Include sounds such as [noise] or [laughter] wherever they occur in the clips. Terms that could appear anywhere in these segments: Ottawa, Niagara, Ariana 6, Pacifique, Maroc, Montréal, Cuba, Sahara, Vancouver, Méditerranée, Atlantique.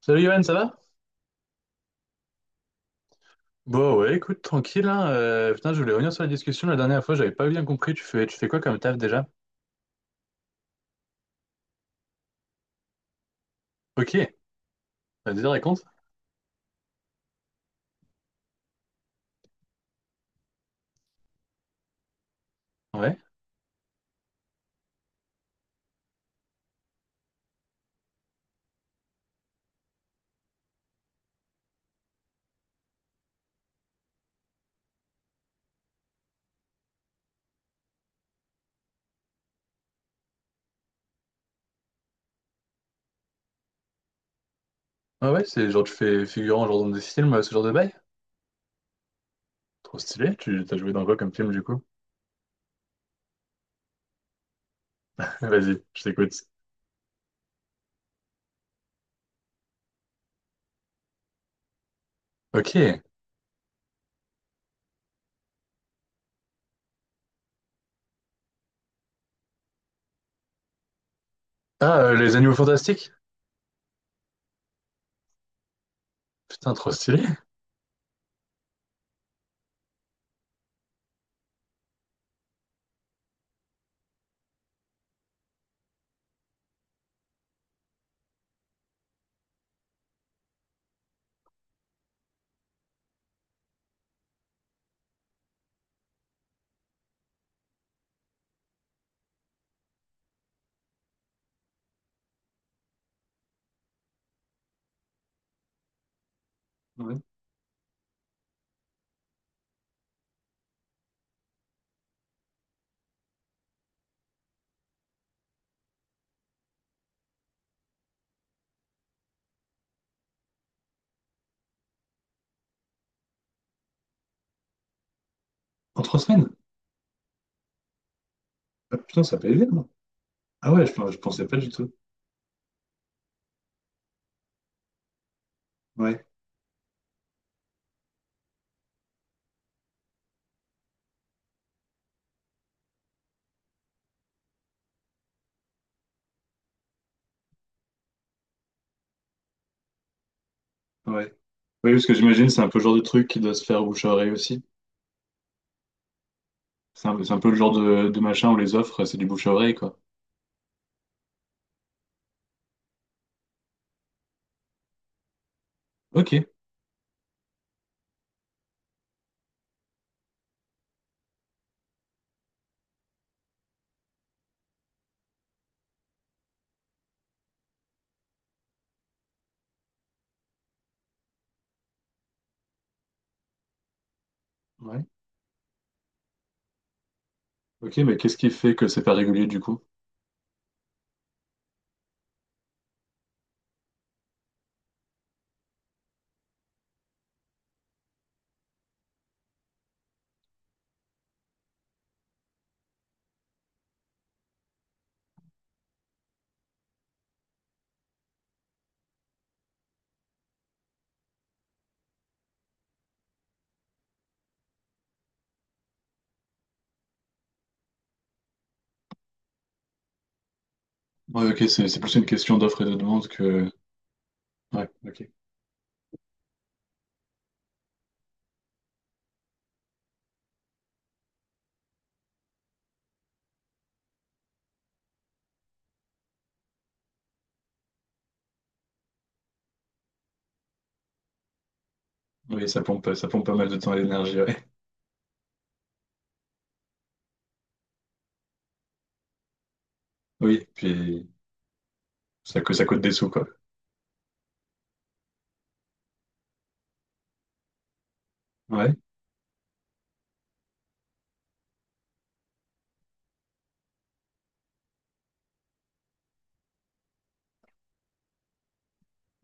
Salut Johan, ça va? Bon, ouais, écoute, tranquille, hein. Putain, je voulais revenir sur la discussion la dernière fois, j'avais pas bien compris, tu fais quoi comme taf déjà? Ok, vas-y, raconte. Ouais. Ah ouais, c'est genre tu fais figurant genre dans des films, ce genre de bail? Trop stylé, tu t'as joué dans quoi comme film du coup? [laughs] Vas-y, je t'écoute. Ok. Ah, les animaux fantastiques? Putain, trop stylé. Ouais. En trois semaines? Ah, putain, ça paye bien, non? Ah ouais, je pensais pas du tout. Ouais, ouais. Oui, parce que j'imagine c'est un peu le genre de truc qui doit se faire bouche à oreille aussi. C'est un peu le genre de machin où les offres, c'est du bouche à oreille, quoi. Ok, ouais. Ok, mais qu'est-ce qui fait que c'est pas régulier du coup? Ouais, ok, c'est plus une question d'offre et de demande que. Ouais, ok. Oui, ça pompe pas mal de temps et d'énergie, ouais. [laughs] Oui, puis ça, ça coûte des sous, quoi. Ouais,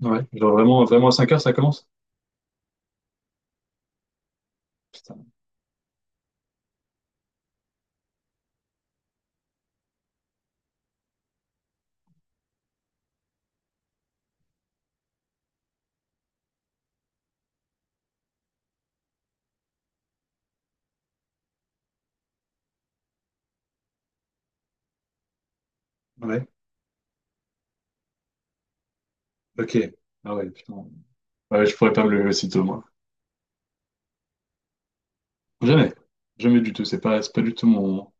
ouais. Genre vraiment, vraiment à 5 heures, ça commence? Putain. Ouais, ok. Ah ouais, putain. Ouais, je pourrais pas me lever aussitôt, moi. Jamais. Jamais du tout. C'est pas du tout mon,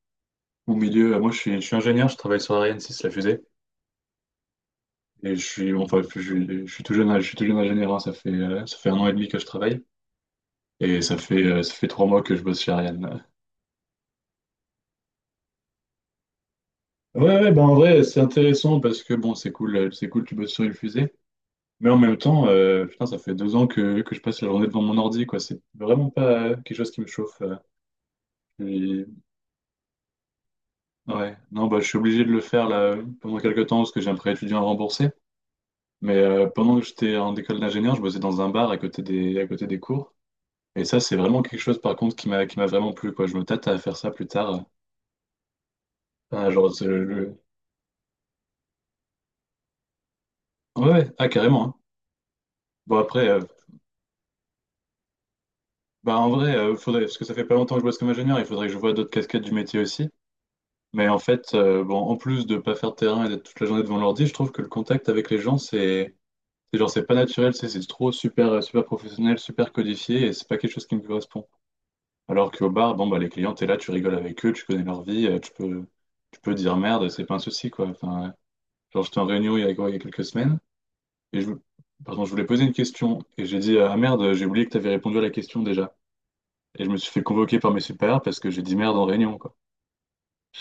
mon milieu. Moi, je suis ingénieur, je travaille sur Ariane 6, la fusée. Et je suis tout jeune, je suis tout jeune ingénieur, hein, ça fait 1 an et demi que je travaille et ça fait 3 mois que je bosse chez Ariane. Ouais, ouais, ben en vrai, c'est intéressant parce que bon, c'est cool, tu bosses sur une fusée, mais en même temps, putain, ça fait 2 ans que je passe la journée devant mon ordi, quoi. C'est vraiment pas quelque chose qui me chauffe. Je Ouais, non, bah, je suis obligé de le faire là pendant quelques temps parce que j'ai un prêt étudiant à rembourser, mais pendant que j'étais en école d'ingénieur, je bossais dans un bar à côté des cours. Et ça, c'est vraiment quelque chose, par contre, qui m'a vraiment plu, quoi. Je me tâte à faire ça plus tard. Ah, genre, Ouais, ouais, ah, carrément, hein. Bon, en vrai, faudrait... parce que ça fait pas longtemps que je bosse comme ingénieur, il faudrait que je voie d'autres casquettes du métier aussi. Mais en fait, bon, en plus de pas faire de terrain et d'être toute la journée devant l'ordi, je trouve que le contact avec les gens, c'est pas naturel, c'est trop super, super professionnel, super codifié, et c'est pas quelque chose qui me correspond. Alors qu'au bar, bon, bah, les clients, t'es là, tu rigoles avec eux, tu connais leur vie, tu peux dire merde, c'est pas un souci, quoi. Enfin, genre, j'étais en réunion il y a, quoi, il y a quelques semaines, et je, pardon, je voulais poser une question, et j'ai dit, ah merde, j'ai oublié que t'avais répondu à la question déjà. Et je me suis fait convoquer par mes supérieurs parce que j'ai dit merde en réunion, quoi.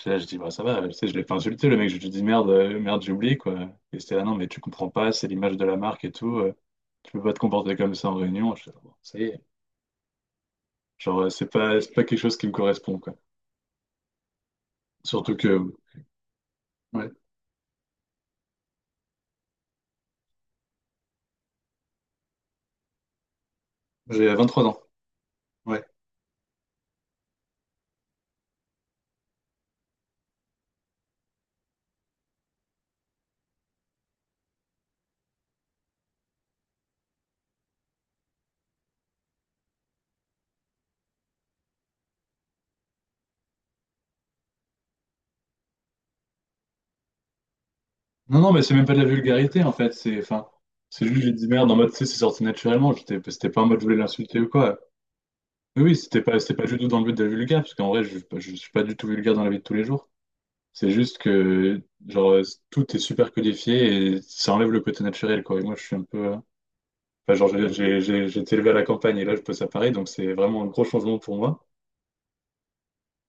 Là, je dis, bah ça va, tu sais, je l'ai pas insulté, le mec, je lui ai dit merde, merde, j'ai oublié, quoi. Et c'était là, non, mais tu comprends pas, c'est l'image de la marque et tout, tu peux pas te comporter comme ça en réunion. Je fais, bon, ça y est. Genre, c'est pas quelque chose qui me correspond, quoi. Surtout que, ouais, j'ai trois ans. Ouais. Non, non, mais c'est même pas de la vulgarité en fait. C'est, enfin, c'est juste j'ai dit merde en mode, tu sais, c'est sorti naturellement. J'étais, c'était pas en mode je voulais l'insulter ou quoi. Oui, oui, c'était pas du tout dans le but de la vulgaire, parce qu'en vrai, je suis pas du tout vulgaire dans la vie de tous les jours. C'est juste que, genre, tout est super codifié et ça enlève le côté naturel, quoi. Et moi, je suis un peu. Enfin, genre, j'ai été élevé à la campagne et là, je peux à Paris, donc c'est vraiment un gros changement pour moi.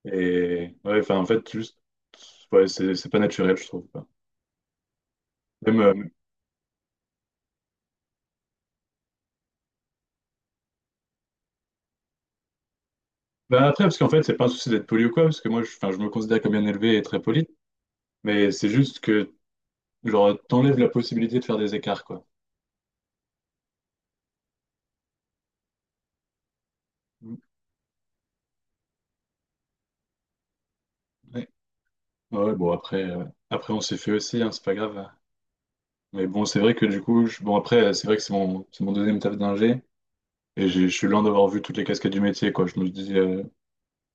Et ouais, enfin, en fait, juste, ouais, c'est pas naturel, je trouve, quoi. Même, euh, Ben après, parce qu'en fait, c'est pas un souci d'être poli ou quoi, parce que moi, je, enfin, je me considère comme bien élevé et très poli, mais c'est juste que, genre, t'enlèves la possibilité de faire des écarts, quoi. Mm. Ouais, ouais, après on s'est fait aussi, hein, c'est pas grave. Mais bon, c'est vrai que du coup, c'est vrai que c'est mon deuxième taf d'ingé, et je suis loin d'avoir vu toutes les casquettes du métier, quoi. Je me dis,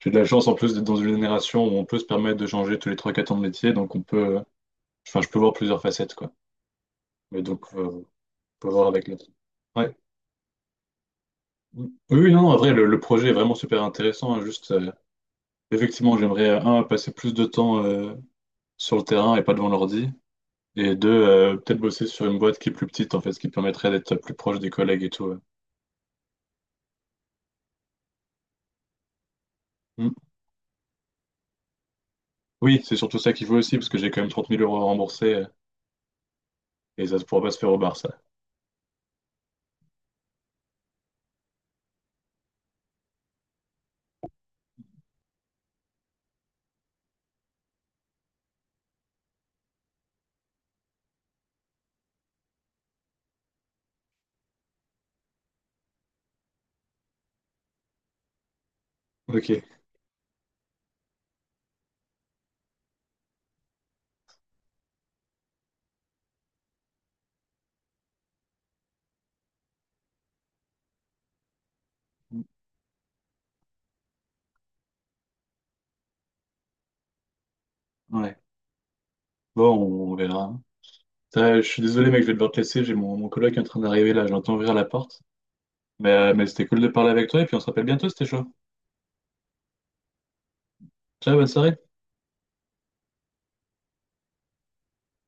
j'ai de la chance en plus d'être dans une génération où on peut se permettre de changer tous les trois quatre ans de métier, donc on peut, enfin, je peux voir plusieurs facettes, quoi. Mais donc, on peut voir avec l'autre. Oui, oui, non, non, en vrai, le projet est vraiment super intéressant, hein, juste, effectivement, j'aimerais, un, passer plus de temps sur le terrain et pas devant l'ordi. Et deux, peut-être bosser sur une boîte qui est plus petite, en fait, ce qui permettrait d'être plus proche des collègues et tout, ouais. Mm. Oui, c'est surtout ça qu'il faut aussi, parce que j'ai quand même 30 000 € à rembourser et ça ne pourra pas se faire au bar, ça. Ok. Ouais. Bon, on verra. Je suis désolé, mec, je vais devoir te laisser. J'ai mon, mon coloc qui est en train d'arriver là. Je l'entends ouvrir la porte. Mais c'était cool de parler avec toi et puis on se rappelle bientôt, c'était chaud. Ciao, bonne soirée.